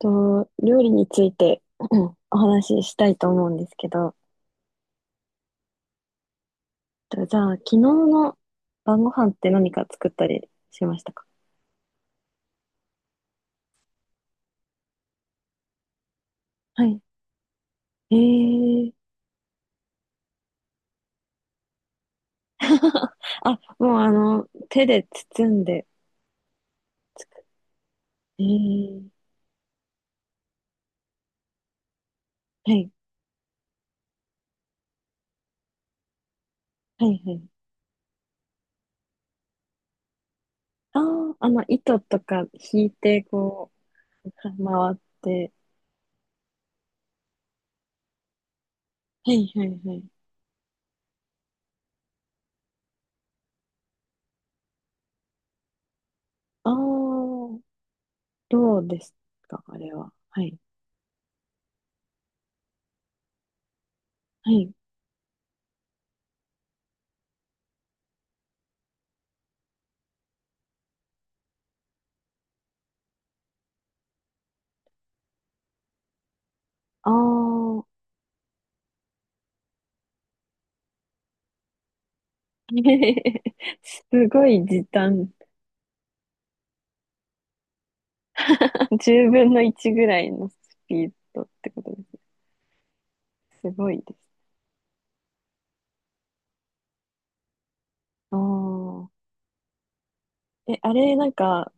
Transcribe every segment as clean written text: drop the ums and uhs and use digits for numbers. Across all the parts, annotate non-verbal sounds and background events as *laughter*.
と、料理について *clears throat* うん、お話ししたいと思うんですけど、とじゃあ、昨日の晩ご飯って何か作ったりしましたか？はい。えー、*laughs* あ、もう手で包んで、えー、はい、はい、はい。ああ、糸とか引いて、こう、回って、はい、はい、はい。ああ、どうですか、あれは？はい、はい。ああ、*laughs* すごい時短。10分の1ぐらいのスピードってことですね。すごいです。ああ。え、あれ、なんか、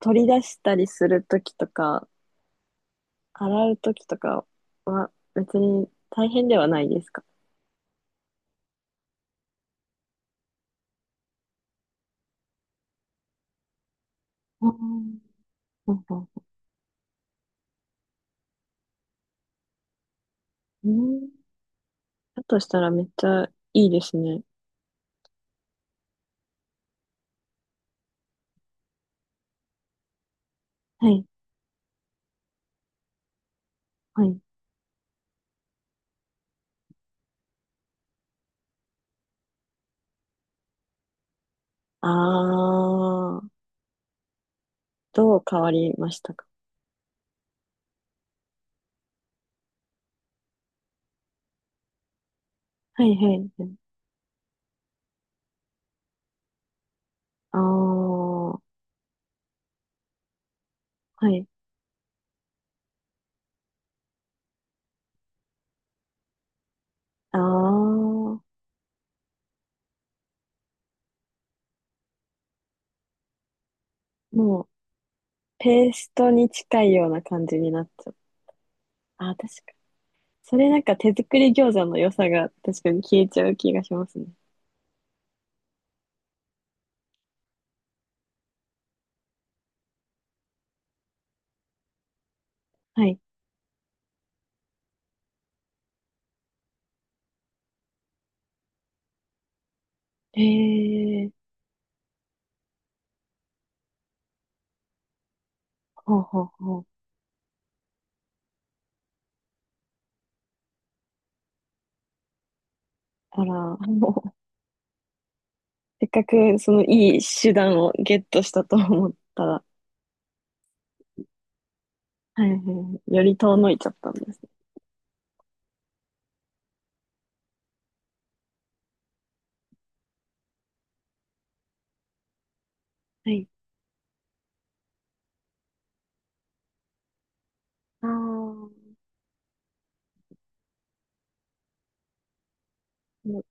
取り出したりするときとか、洗うときとかは、別に大変ではないですか？あー、なんか、うん。だとしたらめっちゃいいですね。はい、はい。ああ、どう変わりましたか？はい、はい。ああ、はい。ああ、もう、ペーストに近いような感じになっちゃう。あ、確かに。それなんか手作り餃子の良さが確かに消えちゃう気がしますね。はい。へえー、ほうほうほう。あら、*laughs* もう、せっかくそのいい手段をゲットしたと思ったら、はいはい、より遠のいちゃったんですね。はい。ああ、もう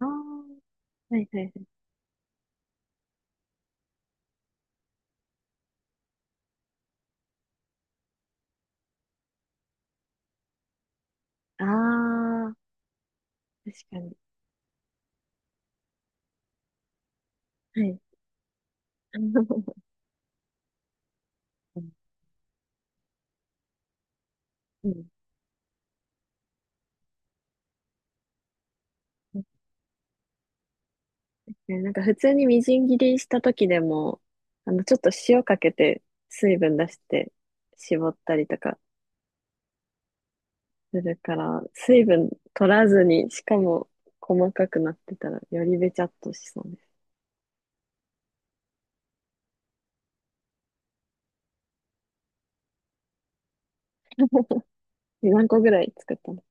あー、はいはいはい。ああ、確かに。はい。*laughs* うんうん、ね、なんか普通にみじん切りした時でも、ちょっと塩かけて水分出して絞ったりとかするから、水分取らずに、しかも細かくなってたらよりべちゃっとしそうです。何個ぐらい作ったの？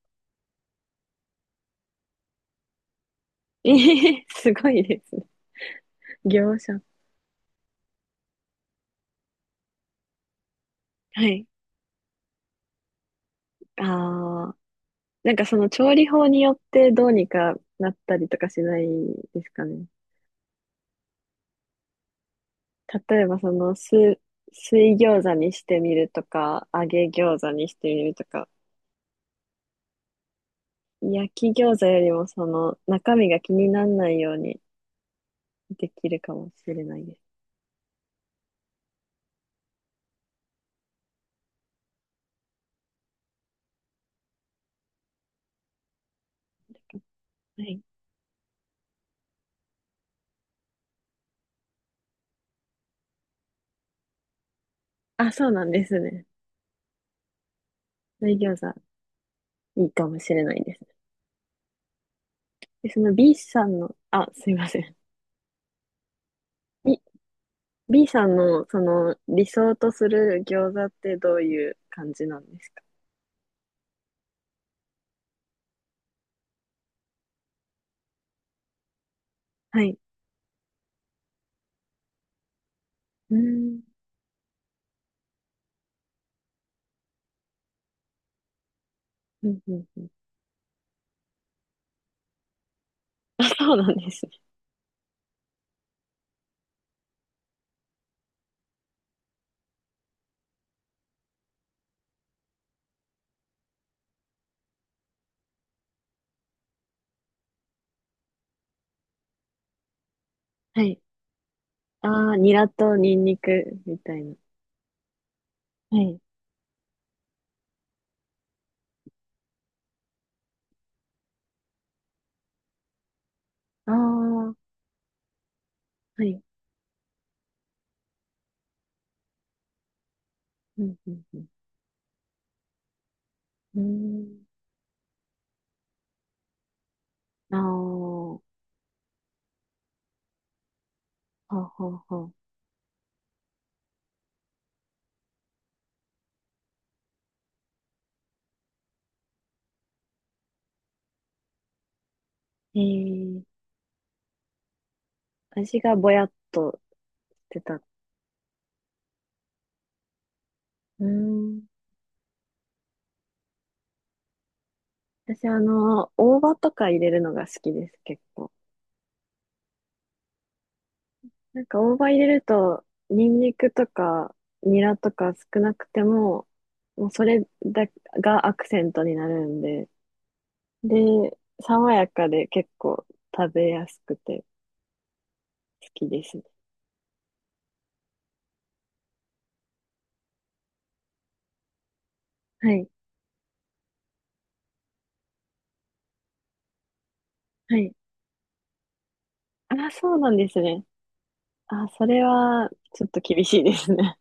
*laughs* ええ、すごいですね。業者。はい。ああ、なんかその調理法によってどうにかなったりとかしないですかね？例えばその水、水餃子にしてみるとか、揚げ餃子にしてみるとか、焼き餃子よりもその中身が気にならないようにできるかもしれないです。はい。あ、そうなんですね。水餃子いいかもしれないですね。で、その B さんの、あ、すいません。B、B さんのその理想とする餃子ってどういう感じなんですか？はい。うーん。うんうんうん。あ、そうなんですね。はい。ああ、ニラとニンニクみたいな。はい。ああ、はい。うんうんうん。うーん。ああ、はあはあはあ。えー、味がぼやっとしてた。うーん。私、大葉とか入れるのが好きです、結構。なんか大葉入れると、ニンニクとか、ニラとか少なくても、もうそれだがアクセントになるんで、で、爽やかで結構食べやすくて好きですね。はい。はい。あ、そうなんですね。あ、それはちょっと厳しいですね。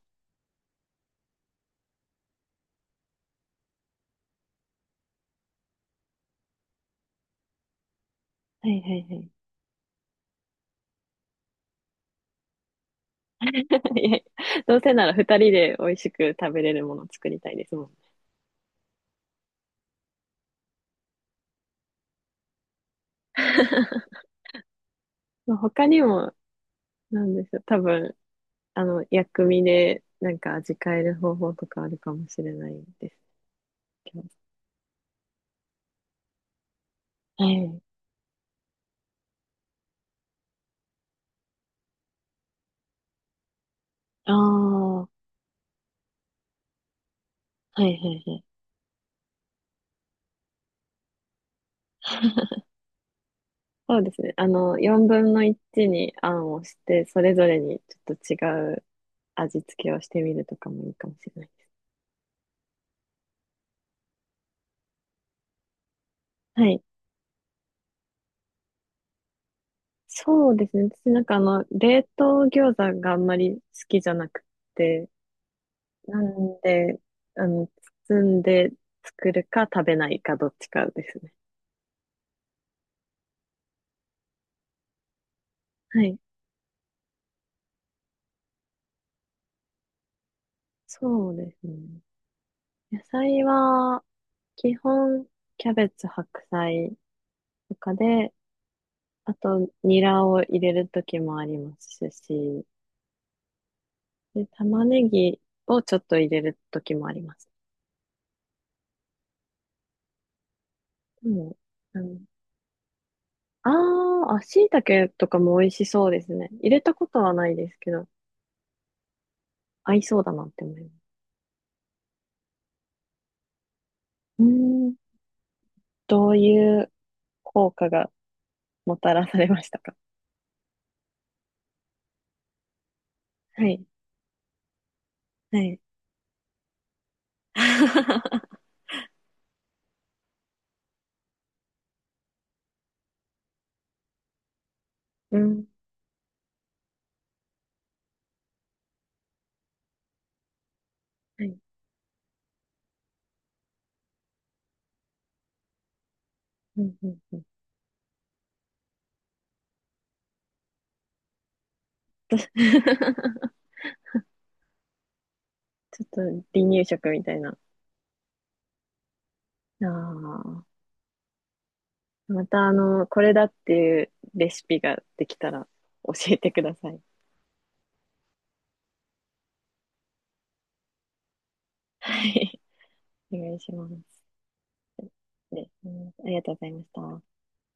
*laughs* はいはいはい。*laughs* いやいや、どうせなら二人で美味しく食べれるものを作りたいですもんね。*laughs* まあ他にも、なんでしょう、多分、薬味でなんか味変える方法とかあるかもしれないですけど。はい。ああ、はいはいはい。そうですね。4分の1にあんをして、それぞれにちょっと違う味付けをしてみるとかもいいかもしれないです。はい。そうですね。私なんか冷凍餃子があんまり好きじゃなくて、なんで、あの、包んで作るか食べないかどっちかですね。はい。そうですね。野菜は、基本、キャベツ、白菜とかで、あと、ニラを入れる時もありますし、で、玉ねぎをちょっと入れる時もあります。でも、あの、あーあ、椎茸とかも美味しそうですね。入れたことはないですけど、合いそうだなって思います。うーん、どういう効果がもたらされましたか？はい。はい。*laughs* うん。はい。うんうんうん。*laughs* ちょっと離乳食みたいな。ああ。またあの、これだっていうレシピができたら教えてください。はい。お願いします。ね、うん、ありがとうございました。